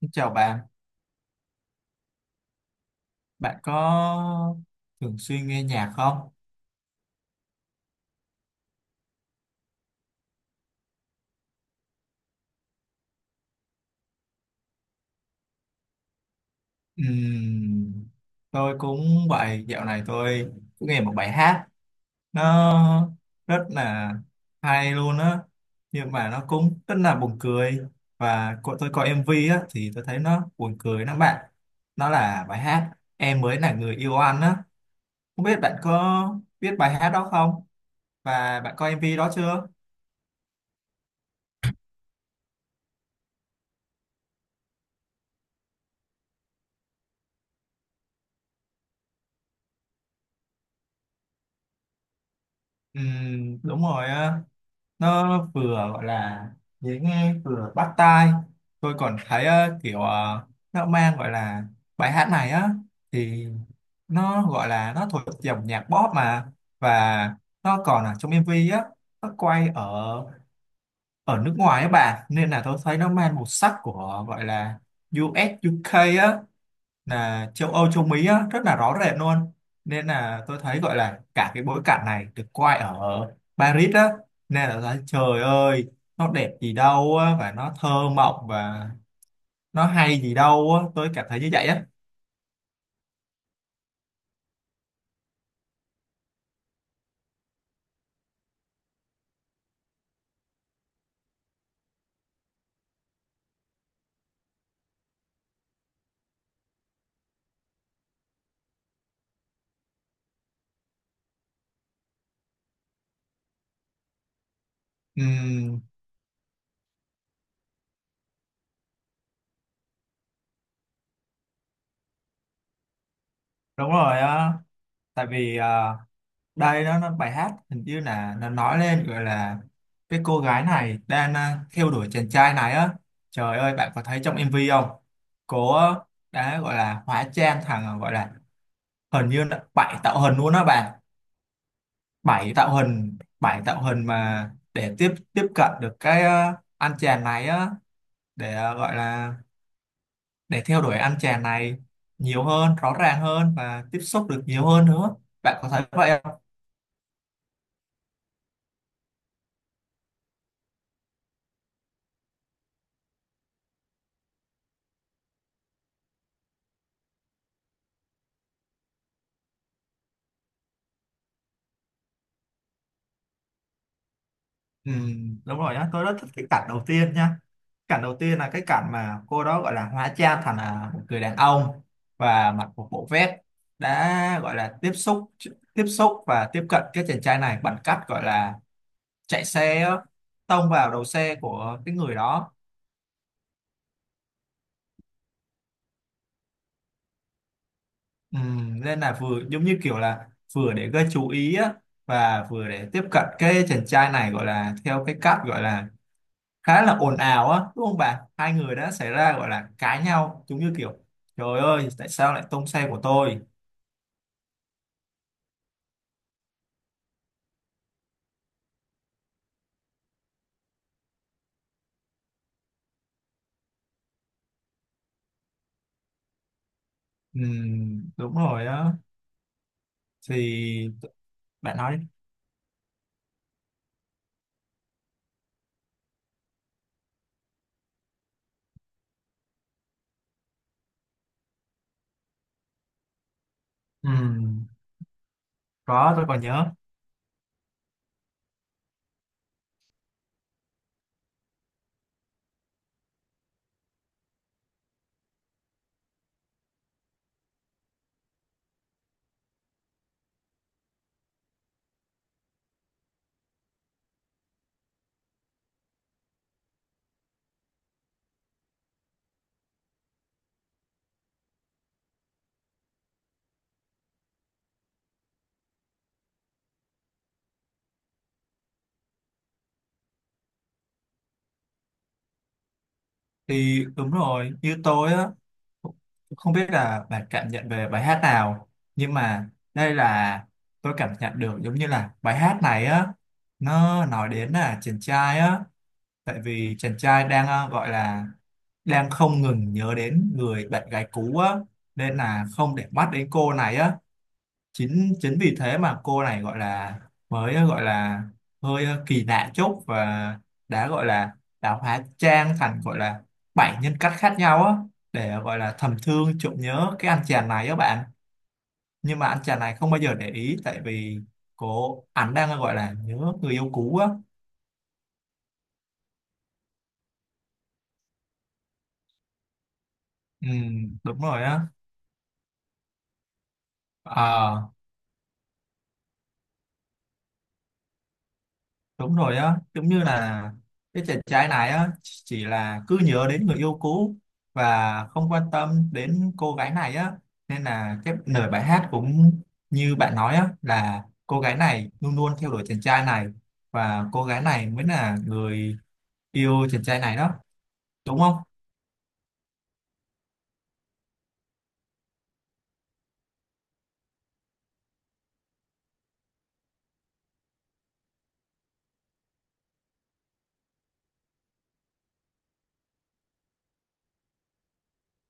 Xin chào bạn, bạn có thường xuyên nghe nhạc không? Ừm, tôi cũng vậy, dạo này tôi cũng nghe một bài hát nó rất là hay luôn á, nhưng mà nó cũng rất là buồn cười. Và tôi coi MV á thì tôi thấy nó buồn cười lắm bạn, nó là bài hát Em mới là người yêu anh á. Không biết bạn có biết bài hát đó không, và bạn coi MV đó chưa? Đúng rồi, nó vừa gọi là dễ nghe vừa bắt tai. Tôi còn thấy kiểu, nó mang gọi là bài hát này á thì nó gọi là nó thuộc dòng nhạc pop mà. Và nó còn ở trong MV á, nó quay ở ở nước ngoài á bà, nên là tôi thấy nó mang màu sắc của gọi là US UK á, là châu Âu châu Mỹ á, rất là rõ rệt luôn. Nên là tôi thấy gọi là cả cái bối cảnh này được quay ở Paris á, nên là thấy, trời ơi, nó đẹp gì đâu á, và nó thơ mộng, và nó hay gì đâu á, tôi cảm thấy như vậy á. Ừm, Đúng rồi á, tại vì à, đây đó nó bài hát hình như là nó nói lên gọi là cái cô gái này đang à, theo đuổi chàng trai này á. Trời ơi bạn có thấy trong MV không? Cô á, đã gọi là hóa trang thằng gọi là, hình như là bảy tạo hình luôn á bạn. Bảy tạo hình, bảy tạo hình mà để tiếp tiếp cận được cái anh chàng này á, để gọi là để theo đuổi anh chàng này nhiều hơn, rõ ràng hơn, và tiếp xúc được nhiều hơn nữa. Bạn có thấy vậy không? Ừ, đúng rồi nhá, tôi rất thích cái cảnh đầu tiên nha. Cảnh đầu tiên là cái cảnh mà cô đó gọi là hóa trang thành là một người đàn ông và mặc một bộ vest, đã gọi là tiếp xúc và tiếp cận cái chàng trai này bằng cách gọi là chạy xe á, tông vào đầu xe của cái người đó. Nên là vừa giống như kiểu là vừa để gây chú ý á, và vừa để tiếp cận cái chàng trai này gọi là theo cái cách gọi là khá là ồn ào á, đúng không bà? Hai người đã xảy ra gọi là cãi nhau, giống như kiểu trời ơi tại sao lại tông xe của tôi. Đúng rồi á, thì bạn nói đi. Ừm, có, tôi còn nhớ. Thì đúng rồi, như tôi á, không biết là bạn cảm nhận về bài hát nào, nhưng mà đây là tôi cảm nhận được giống như là bài hát này á, nó nói đến là chàng trai á, tại vì chàng trai đang gọi là đang không ngừng nhớ đến người bạn gái cũ á, nên là không để mắt đến cô này á, chính chính vì thế mà cô này gọi là mới gọi là hơi kỳ lạ chút, và đã gọi là đã hóa trang thành gọi là bảy nhân cách khác nhau á, để gọi là thầm thương trộm nhớ cái anh chàng này á bạn. Nhưng mà anh chàng này không bao giờ để ý, tại vì cô ảnh đang gọi là nhớ người yêu cũ á. Ừ, đúng rồi á. Ờ Đúng rồi á, giống như là cái chàng trai này á chỉ là cứ nhớ đến người yêu cũ và không quan tâm đến cô gái này á, nên là cái lời bài hát cũng như bạn nói á, là cô gái này luôn luôn theo đuổi chàng trai này, và cô gái này mới là người yêu chàng trai này đó, đúng không?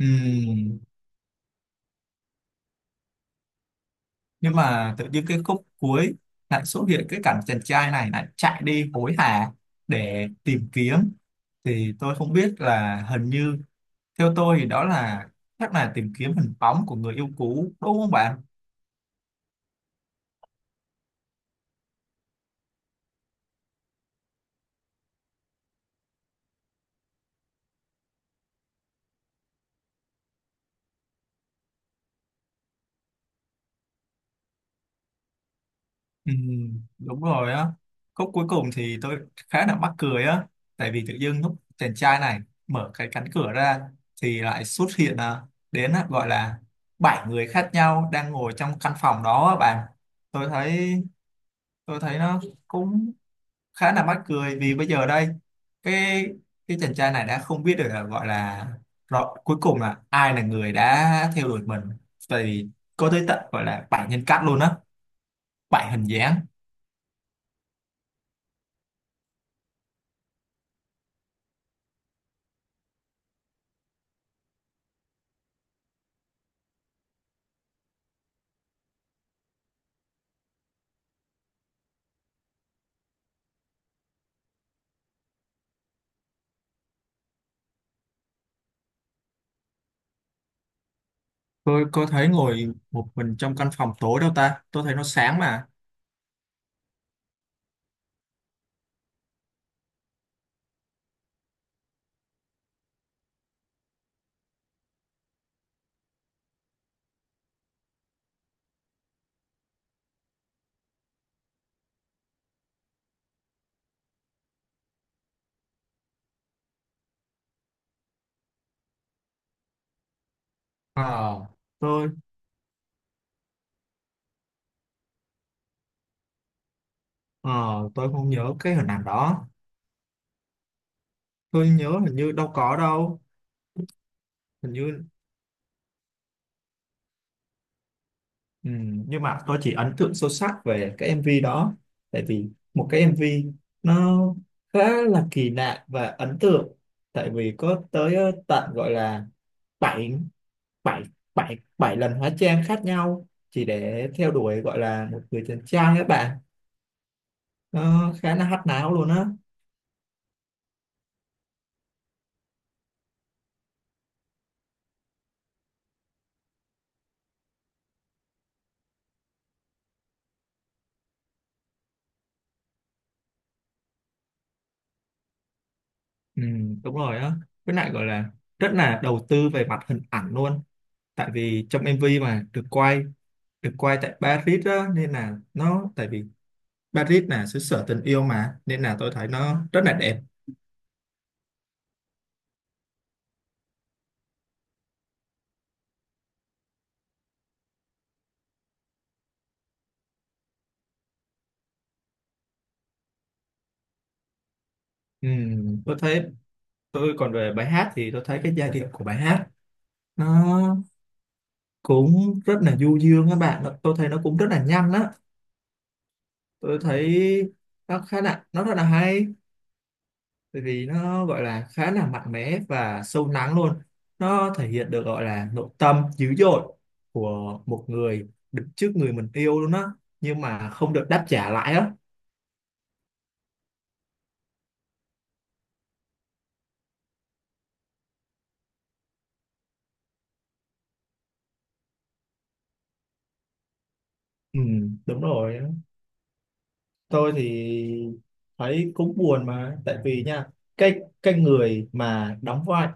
Ừm, nhưng mà tự nhiên cái khúc cuối lại xuất hiện cái cảnh chàng trai này lại chạy đi hối hả để tìm kiếm, thì tôi không biết là hình như, theo tôi thì đó là chắc là tìm kiếm hình bóng của người yêu cũ, đúng không bạn? Ừ, đúng rồi á. Khúc cuối cùng thì tôi khá là mắc cười á, tại vì tự dưng lúc chàng trai này mở cái cánh cửa ra thì lại xuất hiện à, đến à, gọi là bảy người khác nhau đang ngồi trong căn phòng đó á bạn. Tôi thấy tôi thấy nó cũng khá là mắc cười, vì bây giờ đây cái cái chàng trai này đã không biết được là gọi là rõ, cuối cùng là ai là người đã theo đuổi mình, tại vì có tới tận gọi là bảy nhân cách luôn á, bảy hình dáng. Tôi có thấy ngồi một mình trong căn phòng tối đâu ta, tôi thấy nó sáng mà. ờ tôi ờ tôi không nhớ cái hình ảnh đó. Tôi nhớ hình như đâu có đâu, hình như. Ừ, nhưng mà tôi chỉ ấn tượng sâu sắc về cái MV đó, tại vì một cái MV nó khá là kỳ lạ và ấn tượng, tại vì có tới tận gọi là bảy bảy bảy bảy lần hóa trang khác nhau chỉ để theo đuổi gọi là một người chàng trai các bạn. Nó khá là hắc não luôn á. Ừ, đúng rồi á, với lại gọi là rất là đầu tư về mặt hình ảnh luôn, tại vì trong MV mà được quay tại Paris á, nên là nó tại vì Paris là xứ sở tình yêu mà, nên là tôi thấy nó rất là đẹp. Tôi thấy tôi còn về bài hát thì tôi thấy cái giai điệu của bài hát nó cũng rất là du dương các bạn. Tôi thấy nó cũng rất là nhanh đó. Tôi thấy nó khá là nó rất là hay, bởi vì nó gọi là khá là mạnh mẽ và sâu lắng luôn, nó thể hiện được gọi là nội tâm dữ dội của một người đứng trước người mình yêu luôn á, nhưng mà không được đáp trả lại á. Ừ, đúng rồi, tôi thì thấy cũng buồn mà, tại vì nha cái người mà đóng vai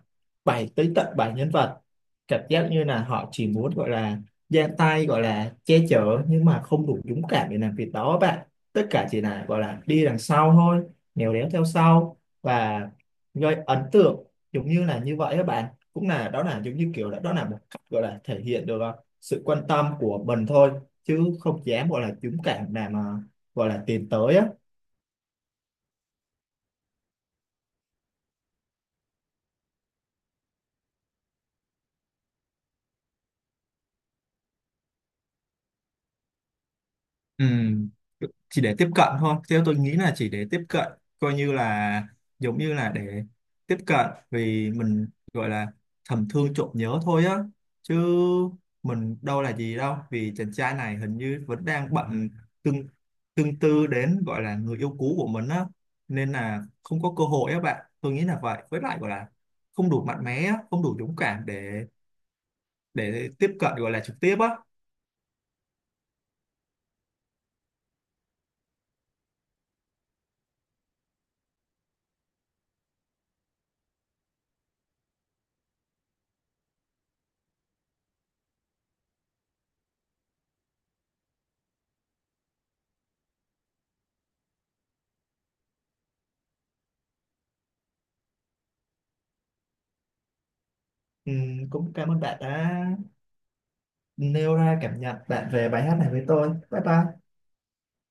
bảy, tới tận bảy nhân vật, cảm giác như là họ chỉ muốn gọi là ra tay gọi là che chở nhưng mà không đủ dũng cảm để làm việc đó bạn. Tất cả chỉ là gọi là đi đằng sau thôi, nèo đéo theo sau và gây ấn tượng, giống như là như vậy các bạn. Cũng là đó là giống như kiểu là đó là một cách gọi là thể hiện được sự quan tâm của mình thôi, chứ không dám gọi là dũng cảm làm gọi là tiến tới á. Ừ, chỉ để tiếp cận thôi. Theo tôi nghĩ là chỉ để tiếp cận, coi như là giống như là để tiếp cận vì mình gọi là thầm thương trộm nhớ thôi á. Chứ mình đâu là gì đâu, vì chàng trai này hình như vẫn đang bận tương tương tư đến gọi là người yêu cũ của mình á. Nên là không có cơ hội á bạn. Tôi nghĩ là vậy. Với lại gọi là không đủ mạnh mẽ, á, không đủ dũng cảm để tiếp cận gọi là trực tiếp á. Ừ, cũng cảm ơn bạn đã nêu ra cảm nhận bạn về bài hát này với tôi. Bye bye.